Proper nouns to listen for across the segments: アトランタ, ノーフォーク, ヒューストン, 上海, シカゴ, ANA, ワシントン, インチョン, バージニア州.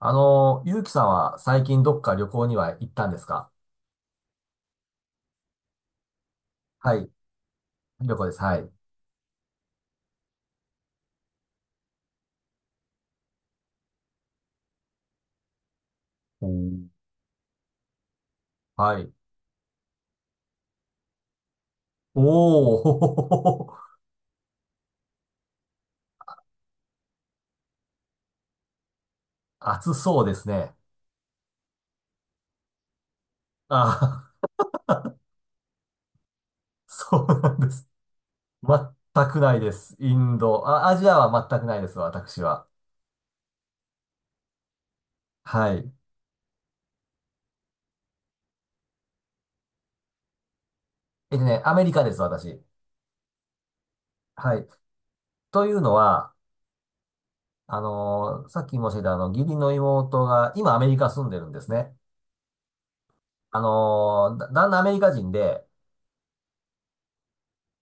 ゆうきさんは最近どっか旅行には行ったんですか？はい。旅行です。はい。おん。はい。おー、ほほほほ。暑そうですね。ああ。そうなんです。全くないです。インド。あ、アジアは全くないです、私は。はい。アメリカです、私。はい。というのは、さっき申し上げた義理の妹が、今アメリカ住んでるんですね。あのーだ、旦那アメリカ人で、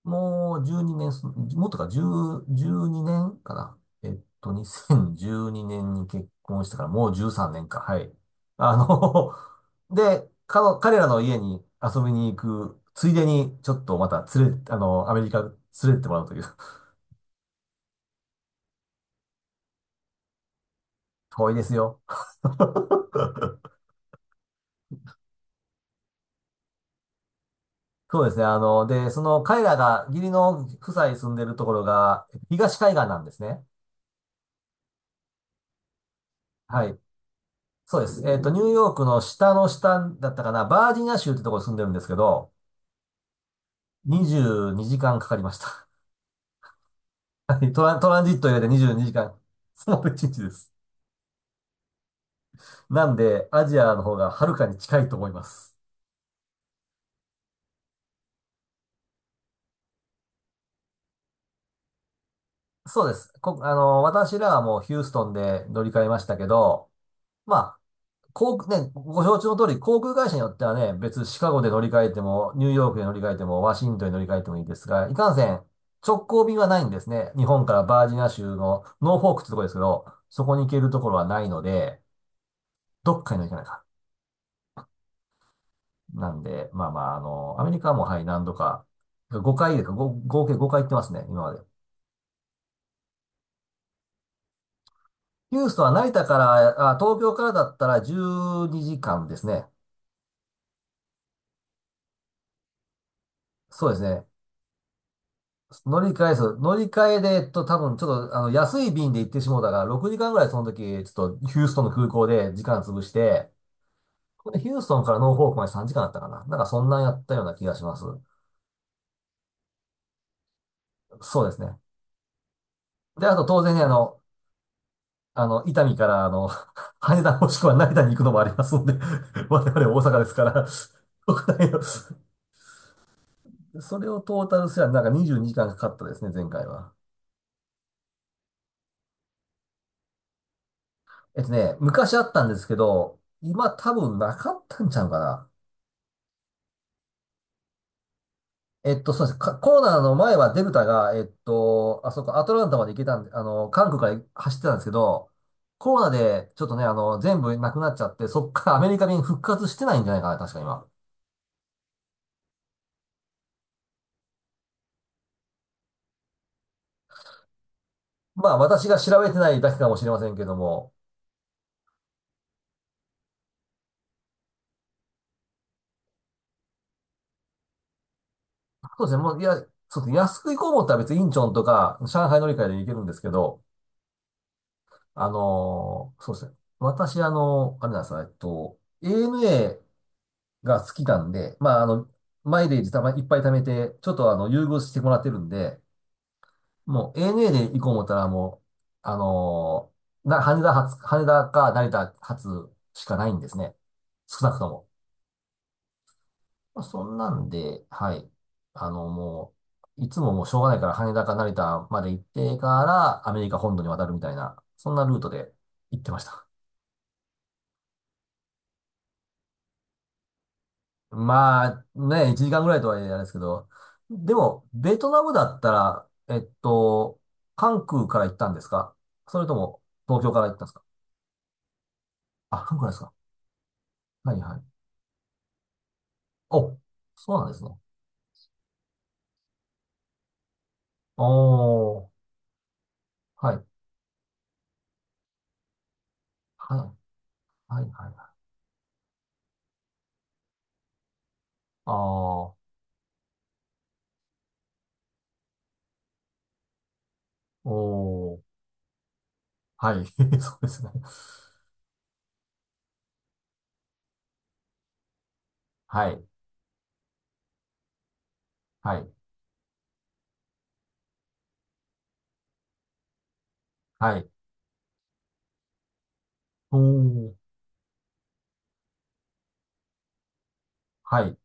もう12年す、もっとか、10、12年かな。2012年にねんに結婚してからもう13年か。はい。あの で、彼らの家に遊びに行く、ついでにちょっとまた連れ、アメリカ連れてってもらうという。遠いですよ。そうですね。あの、で、その彼らが、義理の夫妻住んでるところが、東海岸なんですね。はい。そうです。ニューヨークの下の下だったかな、バージニア州ってところに住んでるんですけど、22時間かんかかりました。はいトランジットを入れて22時間。その1日です。なんで、アジアの方がはるかに近いと思います。そうです。こ、あの、私らはもうヒューストンで乗り換えましたけど、まあ、航空、ね、ご承知の通り、航空会社によってはね、別シカゴで乗り換えても、ニューヨークで乗り換えても、ワシントンで乗り換えてもいいですが、いかんせん、直行便はないんですね。日本からバージニア州のノーフォークってとこですけど、そこに行けるところはないので、どっかに乗りかないか。なんで、まあまあ、アメリカもはい、何度か、5回でか、ご合計5回行ってますね、今まで。ヒューストンは成田から、あ、東京からだったら12時間ですね。そうですね。乗り換えです。乗り換えで、多分ちょっと、安い便で行ってしまうたから、6時間ぐらいその時、ちょっとヒューストンの空港で時間潰して、でヒューストンからノーフォークまで3時間だったかな。なんかそんなんやったような気がします。そうですね。で、あと当然ね、伊丹から、羽田もしくは成田に行くのもありますので、我々大阪ですから、国内の、それをトータルすりゃなんか22時間かんかかったですね、前回は。昔あったんですけど、今多分なかったんちゃうかな。えっと、そうですね。かコロナの前はデルタが、あそこ、アトランタまで行けたんで、韓国から走ってたんですけど、コロナでちょっとね、全部なくなっちゃって、そっからアメリカ便復活してないんじゃないかな、確か今。まあ、私が調べてないだけかもしれませんけども、そうですね。もう、いや、そうですね。安く行こうと思ったら別にインチョンとか、上海乗り換えで行けるんですけど、そうですね。私、あれなんですよ。ANA が好きなんで、まあ、あの、マイレージたまいっぱい貯めて、ちょっとあの、優遇してもらってるんで、もう ANA で行こう思ったらもう、あのーな、羽田発、羽田か成田発しかないんですね。少なくとも。まあ、そんなんで、はい。もう、いつももうしょうがないから羽田か成田まで行ってからアメリカ本土に渡るみたいな、そんなルートで行ってました。まあ、ね、1時間ぐらいとはいえあれですけど、でも、ベトナムだったら、関空から行ったんですか？それとも、東京から行ったんですか？あ、関空ですか？はいはい。お、そうなんですね。おー。はい、はい、はい、はい。あー。おー。はい。そうですね。はい、はい、はい。おー。はい。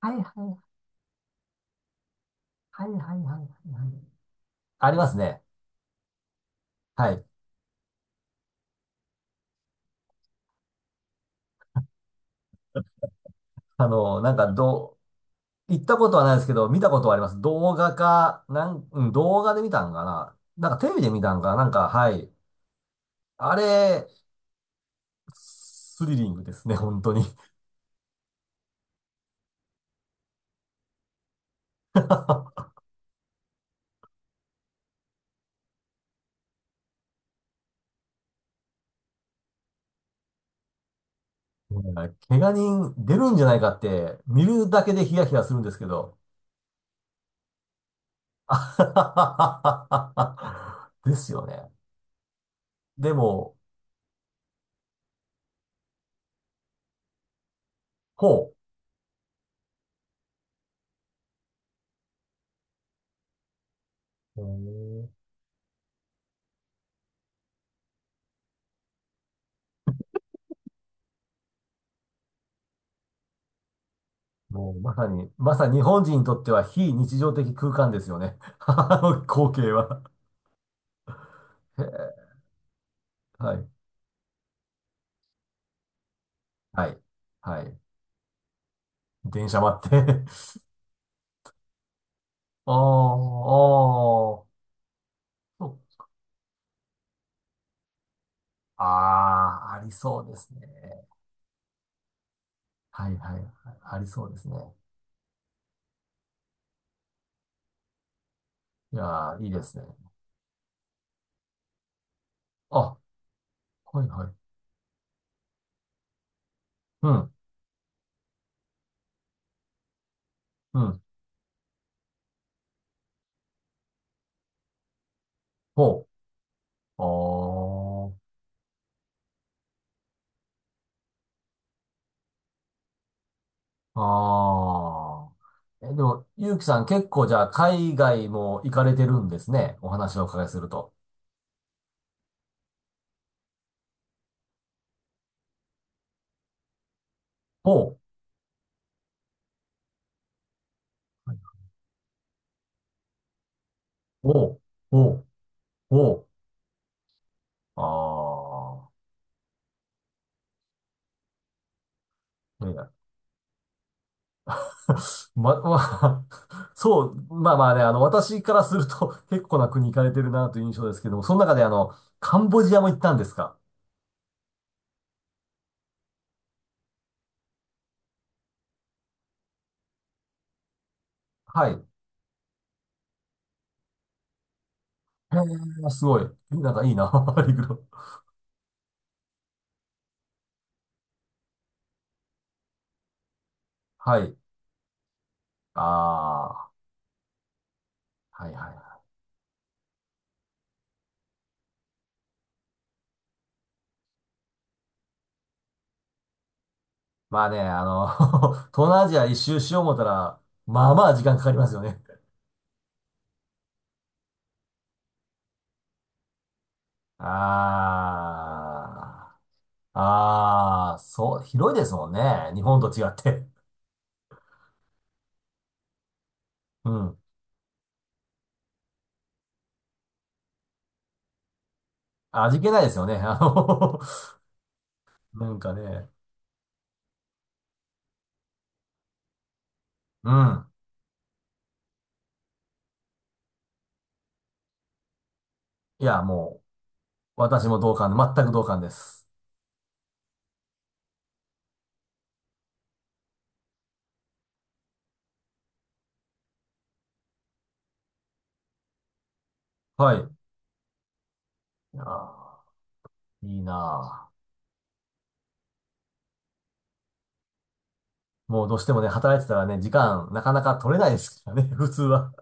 はいはいはいはい。はいはいはい。ありますね。はい。あの、なんか、どう、行ったことはないですけど、見たことはあります。動画か、なん、うん、動画で見たんかな。なんかテレビで見たんかな。なんか、はい。あれ、スリリングですね、本当に。うん、怪我人出るんじゃないかって、見るだけでヒヤヒヤするんですけど。あはははははですよね。でも、ほう。へー、もうまさに、まさに日本人にとっては非日常的空間ですよね。あの光景は。へえ。はい。はい。はい。電車待って。ああ。あー、あー、ありそうですね。はいはい。はい、ありそうですね。いやー、いいですね。あ、はいはい。うん、うん。ほう。おー。あー。え、でも、ゆうきさん結構じゃあ海外も行かれてるんですね。お話をお伺いすると。ほう。おう、おう、おう。ああ、無理だ。ま、まあ、そう、まあまあね、私からすると 結構な国行かれてるなという印象ですけども、その中でカンボジアも行ったんですか？はい。へえ、すごい。なんかいいな。リグロ。はい。ああ、はいはいはい。まあね、東南アジア一周しよう思ったら、まあまあ時間かかりますよね。ああ、ああ、そう、広いですもんね。日本と違って。うん。味気ないですよね。なんかね。うん。いや、もう、私も同感、全く同感です。はい。いやー、いいなあ。もうどうしてもね、働いてたらね、時間なかなか取れないですからね、普通は。